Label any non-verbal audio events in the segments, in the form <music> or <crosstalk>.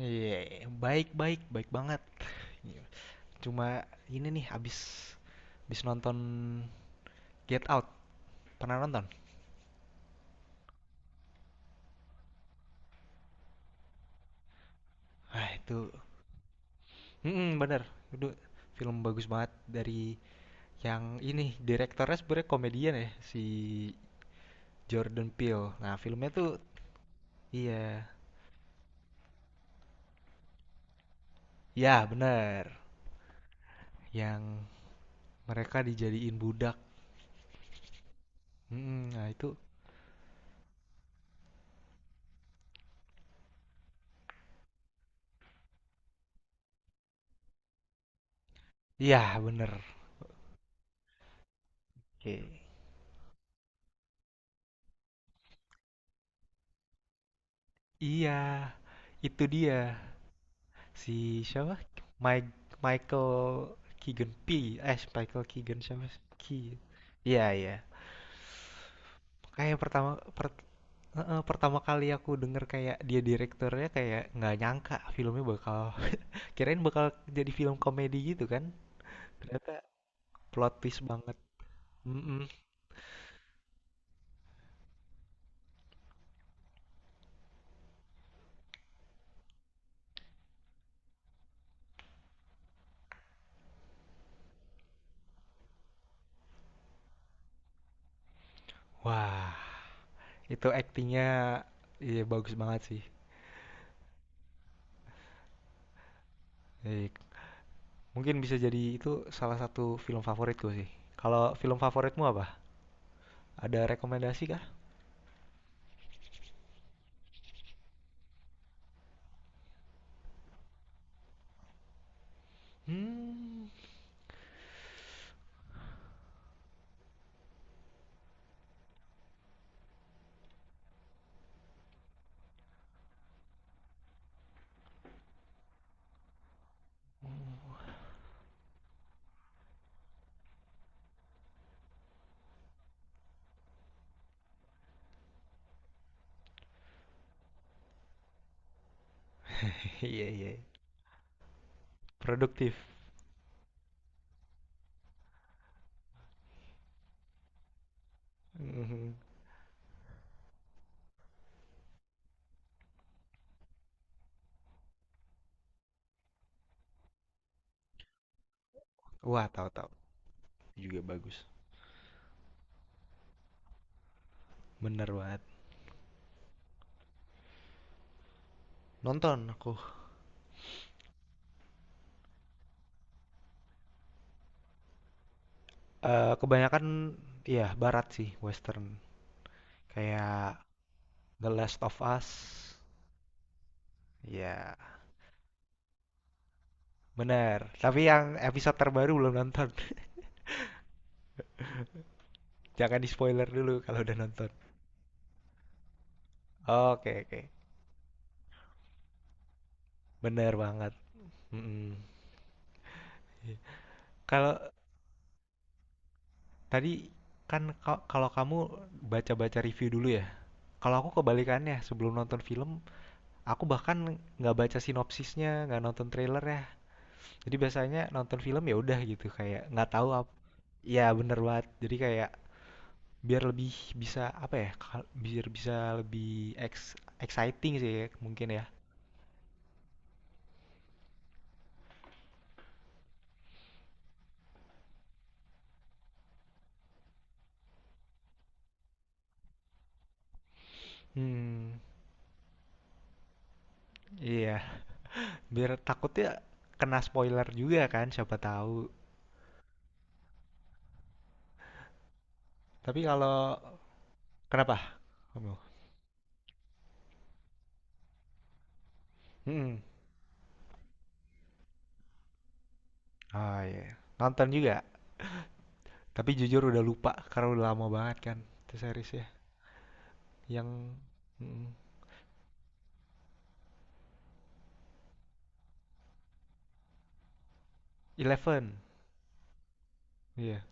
Iya, baik baik baik banget. Cuma ini nih abis abis nonton Get Out. Pernah nonton? Ah, itu. Bener. Itu film bagus banget dari yang ini direktornya sebenarnya komedian ya, si Jordan Peele. Nah, filmnya tuh iya. Ya, bener. Yang mereka dijadiin budak. Nah, itu iya bener. Oke. Iya, itu dia. Si siapa? Mike Michael Keegan P. Michael Keegan siapa? Key. Iya, iya. Kayak pertama per- pertama kali aku denger kayak dia direkturnya, kayak nggak nyangka filmnya bakal <laughs> kirain bakal jadi film komedi gitu kan. Ternyata plot twist banget. Mm-mm. Wah, itu actingnya iya bagus banget sih. Eh, Mungkin bisa jadi itu salah satu film favoritku sih. Kalau film favoritmu apa? Ada rekomendasi kah? Hmm. <laughs> Iya iya, produktif. Mhm. Wah, tahu tahu, juga bagus. Bener banget. Nonton aku, kebanyakan iya barat sih, western. Kayak The Last of Us, ya bener, tapi yang episode terbaru belum nonton. <laughs> Jangan di-spoiler dulu kalau udah nonton. Oke oke, bener banget, mhm. Iya. Kalau tadi kan kalau kamu baca-baca review dulu ya? Kalau aku kebalikannya, sebelum nonton film, aku bahkan nggak baca sinopsisnya, nggak nonton trailer ya. Jadi biasanya nonton film ya udah gitu kayak nggak tahu apa. Ya bener banget. Jadi kayak biar lebih bisa apa ya? Biar bisa lebih exciting sih ya, mungkin ya. Hmm, iya. Biar takutnya kena spoiler juga kan, siapa tahu. Tapi kalau kenapa? Kamu? Hmm. Oh iya. Nonton juga. Tapi jujur udah lupa karena udah lama banget kan itu series ya. Yang mm, Eleven. Iya.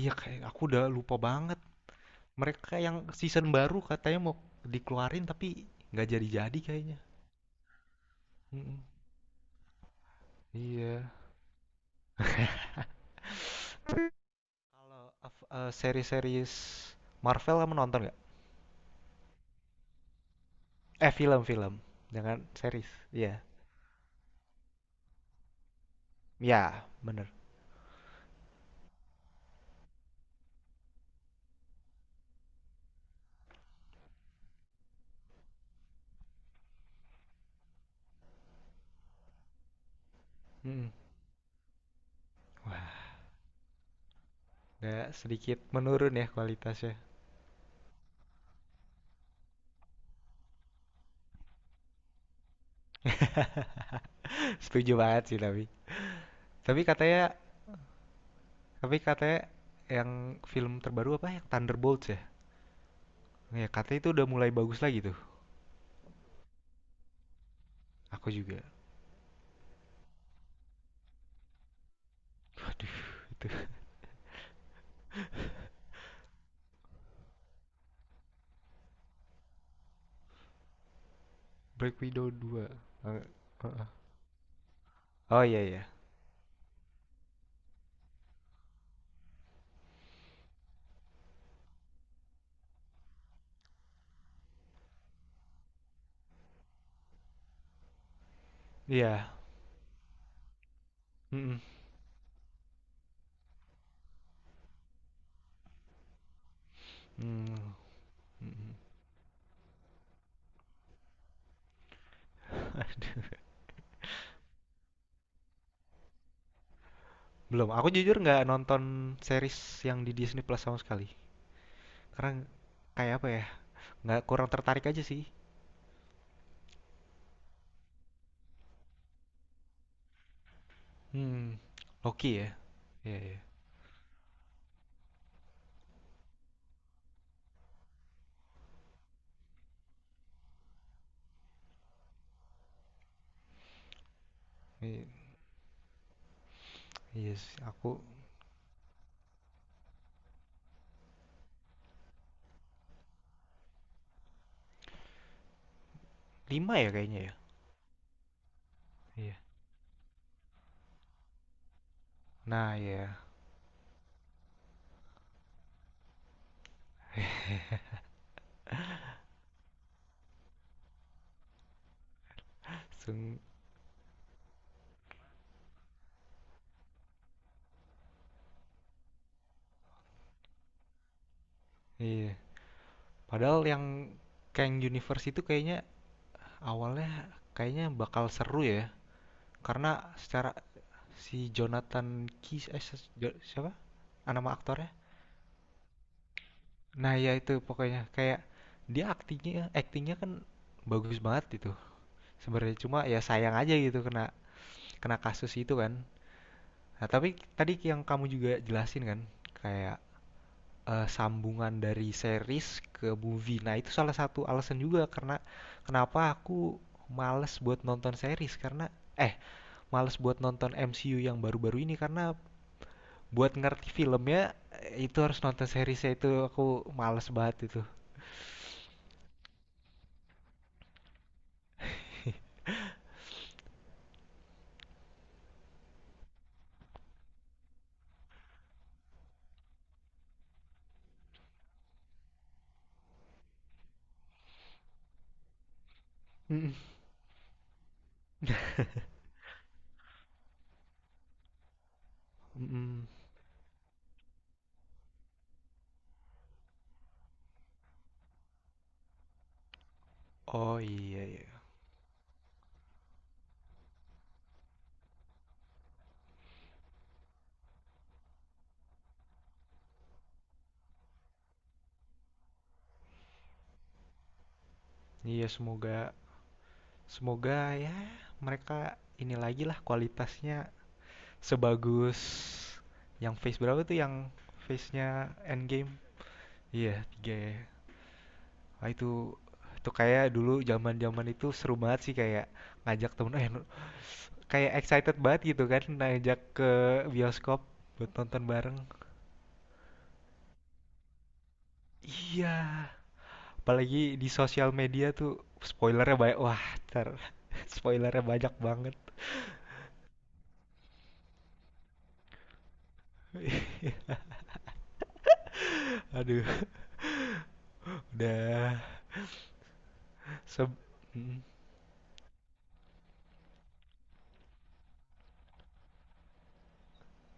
Iya kayak aku udah lupa banget. Mereka yang season baru katanya mau dikeluarin tapi nggak jadi-jadi kayaknya. Mm-mm. Iya. Kalau seri-series Marvel kamu nonton nggak? Eh film-film, jangan series. Iya. Iya, bener. Mm-mm. Wah, nggak sedikit menurun ya kualitasnya. <laughs> Setuju banget sih tapi. Tapi katanya, tapi katanya yang film terbaru apa yang Thunderbolts ya? Ya katanya itu udah mulai bagus lagi tuh. Aku juga aduh, itu Black Widow dua. Eh, heeh. Oh iya iya. Iya. Mhm, mmm, mhm. Belum, aku jujur nggak nonton series yang di Disney Plus sama sekali. Karena kayak apa ya, nggak kurang tertarik aja sih. Mhm, Loki ya? Iya iya. I iya sih, aku 5 ya kayaknya ya? Iya. Nah iya, seng iya. Padahal yang Kang Universe itu kayaknya awalnya kayaknya bakal seru ya, karena secara si Jonathan Keys siapa nama aktornya, nah ya itu pokoknya kayak dia aktingnya aktingnya kan bagus banget itu sebenarnya, cuma ya sayang aja gitu kena kena kasus itu kan. Nah tapi tadi yang kamu juga jelasin kan kayak sambungan dari series ke movie, nah itu salah satu alasan juga, karena kenapa aku males buat nonton series, karena eh males buat nonton MCU yang baru-baru ini, karena buat ngerti filmnya, itu harus nonton seriesnya, itu aku males banget itu. Mm-mm. Mm-mm. Oh iya iya. Iya semoga, semoga ya mereka ini lagi lah kualitasnya sebagus yang phase berapa tuh yang phase nya Endgame. Iya, tiga ya. Wah, itu kayak dulu zaman-zaman itu seru banget sih, kayak ngajak temen kayak excited banget gitu kan, ngajak ke bioskop buat nonton bareng. Iya, apalagi di sosial media tuh spoilernya banyak. Wah, ntar <laughs> spoilernya banyak banget. <laughs> Aduh, udah se mm,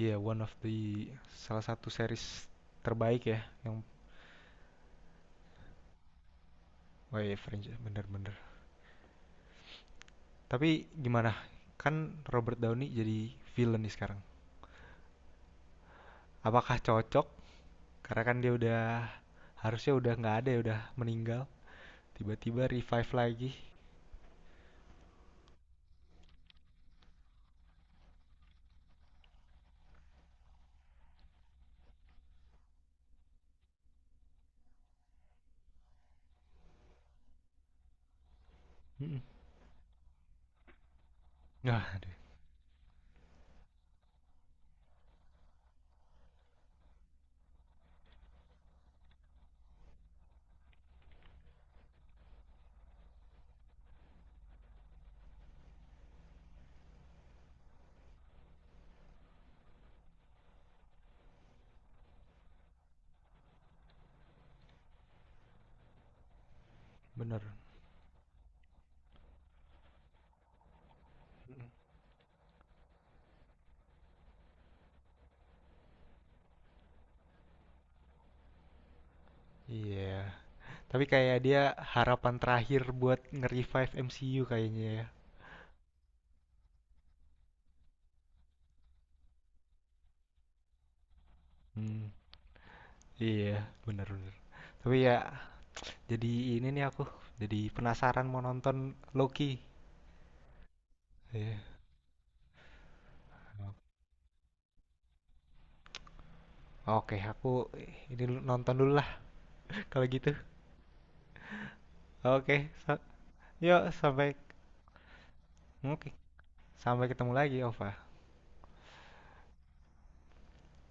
iya, one of the salah satu series terbaik ya yang oh iya franchise bener-bener. Tapi gimana? Kan Robert Downey jadi villain nih sekarang. Apakah cocok? Karena kan dia udah harusnya udah nggak ada ya udah meninggal. Tiba-tiba revive lagi. Mm. Nah, aduh, bener. Iya. Yeah, tapi kayak dia harapan terakhir buat nge-revive MCU kayaknya ya. Hmm, iya, bener-bener. Tapi ya jadi ini nih aku jadi penasaran mau nonton Loki. Iya. Oke, aku nonton dulu lah <laughs> kalau gitu. Oke, sa- yuk sampai oke, sampai ketemu lagi, Ova.